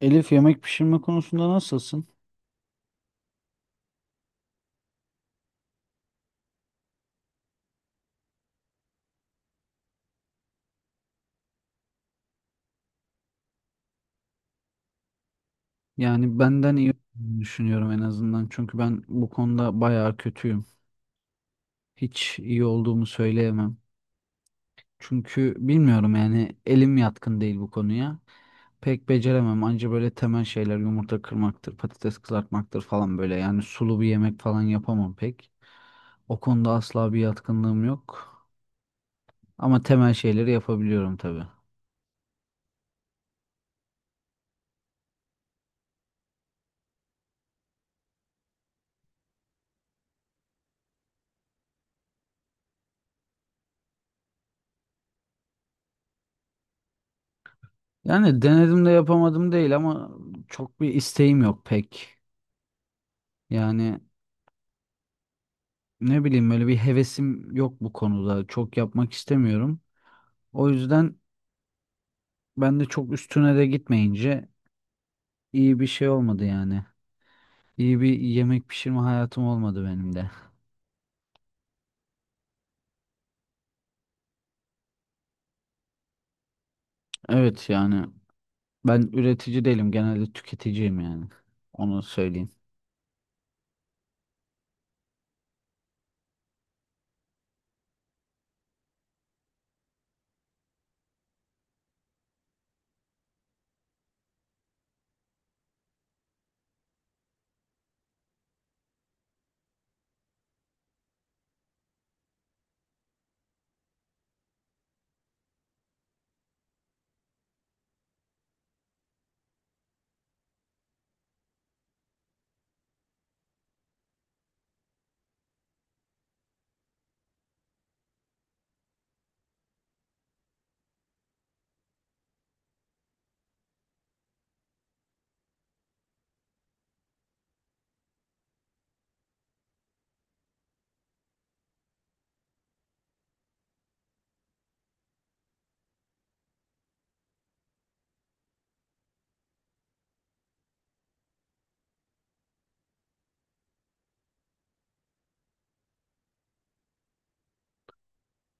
Elif, yemek pişirme konusunda nasılsın? Yani benden iyi olduğunu düşünüyorum en azından. Çünkü ben bu konuda bayağı kötüyüm. Hiç iyi olduğumu söyleyemem. Çünkü bilmiyorum, yani elim yatkın değil bu konuya. Pek beceremem. Anca böyle temel şeyler: yumurta kırmaktır, patates kızartmaktır falan böyle. Yani sulu bir yemek falan yapamam pek. O konuda asla bir yatkınlığım yok. Ama temel şeyleri yapabiliyorum tabii. Yani denedim de yapamadım değil ama çok bir isteğim yok pek. Yani, ne bileyim, böyle bir hevesim yok bu konuda. Çok yapmak istemiyorum. O yüzden ben de çok üstüne de gitmeyince iyi bir şey olmadı yani. İyi bir yemek pişirme hayatım olmadı benim de. Evet yani, ben üretici değilim. Genelde tüketiciyim yani. Onu söyleyeyim.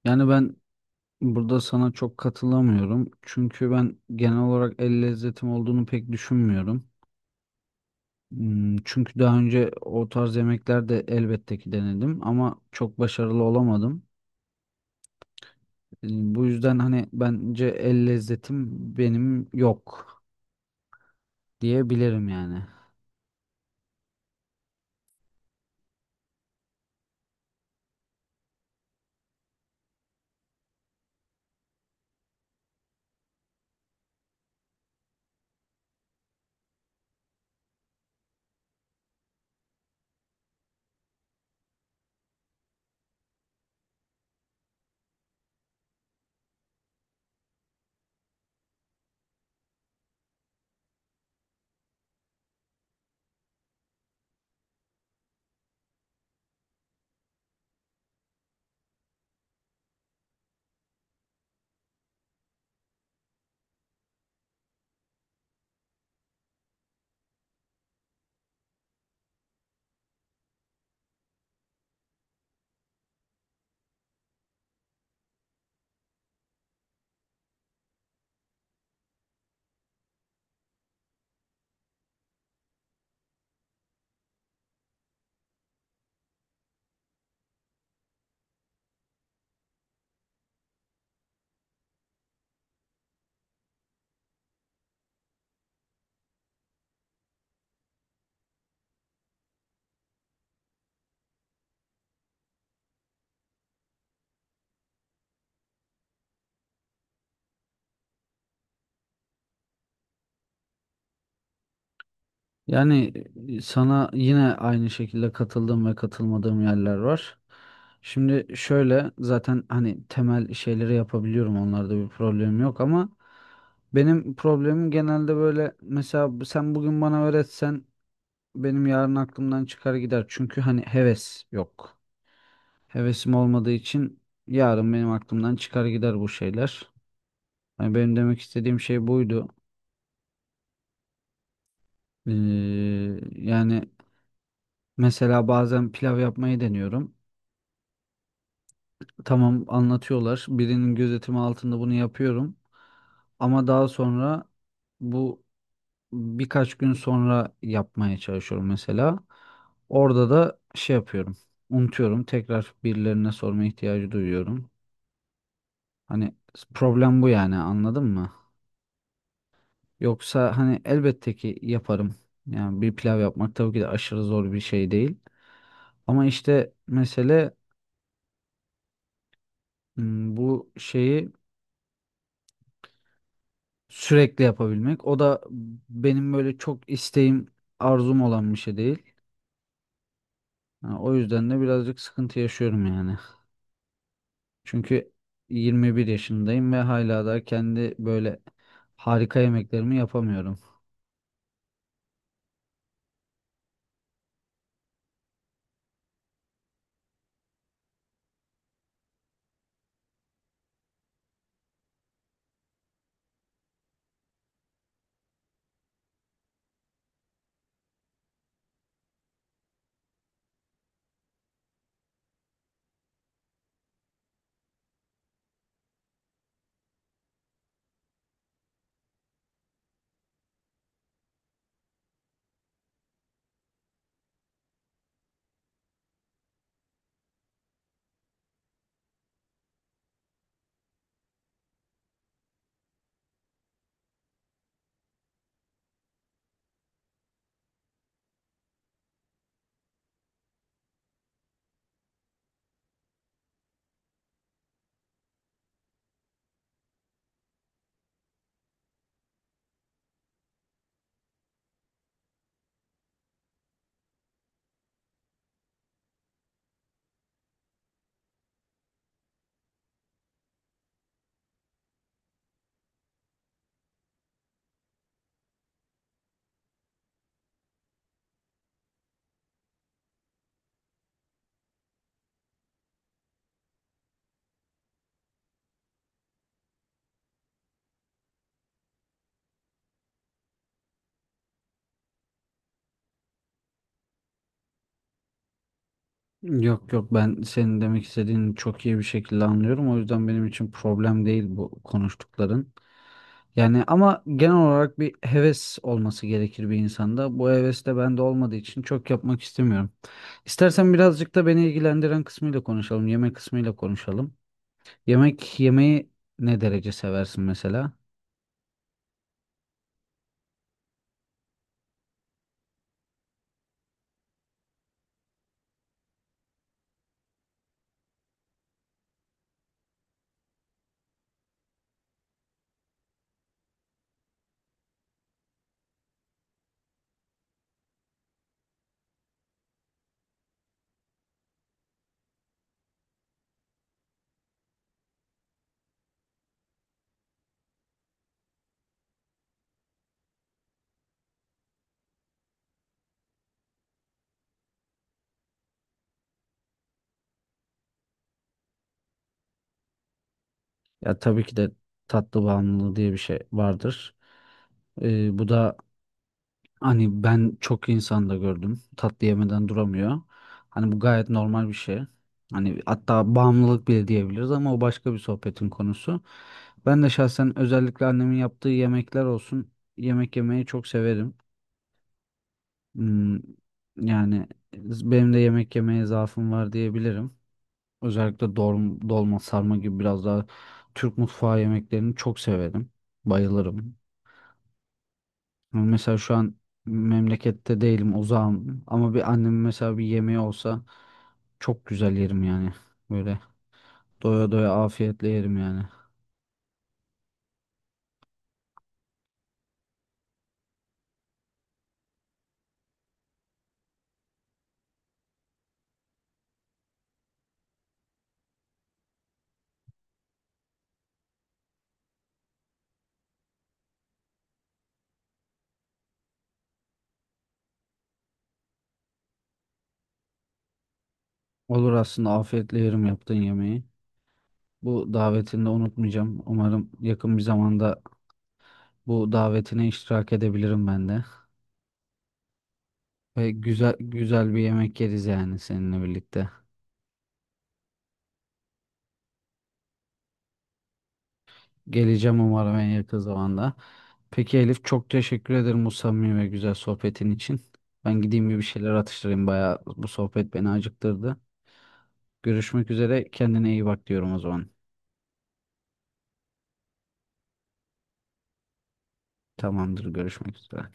Yani ben burada sana çok katılamıyorum. Çünkü ben genel olarak el lezzetim olduğunu pek düşünmüyorum. Hmm. Çünkü daha önce o tarz yemekler de elbette ki denedim ama çok başarılı olamadım. E, Bu yüzden hani bence el lezzetim benim yok diyebilirim yani. Yani sana yine aynı şekilde katıldığım ve katılmadığım yerler var. Şimdi şöyle, zaten hani temel şeyleri yapabiliyorum, onlarda bir problem yok ama benim problemim genelde böyle: mesela sen bugün bana öğretsen benim yarın aklımdan çıkar gider. Çünkü hani heves yok. Hevesim olmadığı için yarın benim aklımdan çıkar gider bu şeyler. Yani benim demek istediğim şey buydu. Ee, Yani mesela bazen pilav yapmayı deniyorum. Tamam, anlatıyorlar. Birinin gözetimi altında bunu yapıyorum. Ama daha sonra, bu, birkaç gün sonra yapmaya çalışıyorum mesela. Orada da şey yapıyorum. Unutuyorum. Tekrar birilerine sorma ihtiyacı duyuyorum. Hani problem bu, yani anladın mı? Yoksa hani elbette ki yaparım. Yani bir pilav yapmak tabii ki de aşırı zor bir şey değil. Ama işte mesele, bu şeyi sürekli yapabilmek. O da benim böyle çok isteğim, arzum olan bir şey değil. Ha, o yüzden de birazcık sıkıntı yaşıyorum yani. Çünkü 21 yaşındayım ve hala da kendi böyle harika yemeklerimi yapamıyorum. Yok yok, ben senin demek istediğini çok iyi bir şekilde anlıyorum. O yüzden benim için problem değil bu konuştukların. Yani ama genel olarak bir heves olması gerekir bir insanda. Bu heves de bende olmadığı için çok yapmak istemiyorum. İstersen birazcık da beni ilgilendiren kısmıyla konuşalım. Yemek kısmıyla konuşalım. Yemek yemeyi ne derece seversin mesela? Ya tabii ki de tatlı bağımlılığı diye bir şey vardır. Bu da Hani ben çok insan da gördüm. Tatlı yemeden duramıyor. Hani bu gayet normal bir şey. Hani hatta bağımlılık bile diyebiliriz ama o başka bir sohbetin konusu. Ben de şahsen özellikle annemin yaptığı yemekler olsun, yemek yemeyi çok severim. Hmm, yani benim de yemek yemeye zaafım var diyebilirim. Özellikle dolma, dolma sarma gibi biraz daha Türk mutfağı yemeklerini çok severim. Bayılırım. Yani mesela şu an memlekette değilim, uzağım ama bir annem mesela bir yemeği olsa çok güzel yerim yani. Böyle doya doya afiyetle yerim yani. Olur, aslında afiyetle yerim yaptığın yemeği. Bu davetini de unutmayacağım. Umarım yakın bir zamanda bu davetine iştirak edebilirim ben de. Ve güzel güzel bir yemek yeriz yani seninle birlikte. Geleceğim umarım en yakın zamanda. Peki Elif, çok teşekkür ederim bu samimi ve güzel sohbetin için. Ben gideyim bir şeyler atıştırayım. Bayağı bu sohbet beni acıktırdı. Görüşmek üzere. Kendine iyi bak diyorum o zaman. Tamamdır. Görüşmek üzere.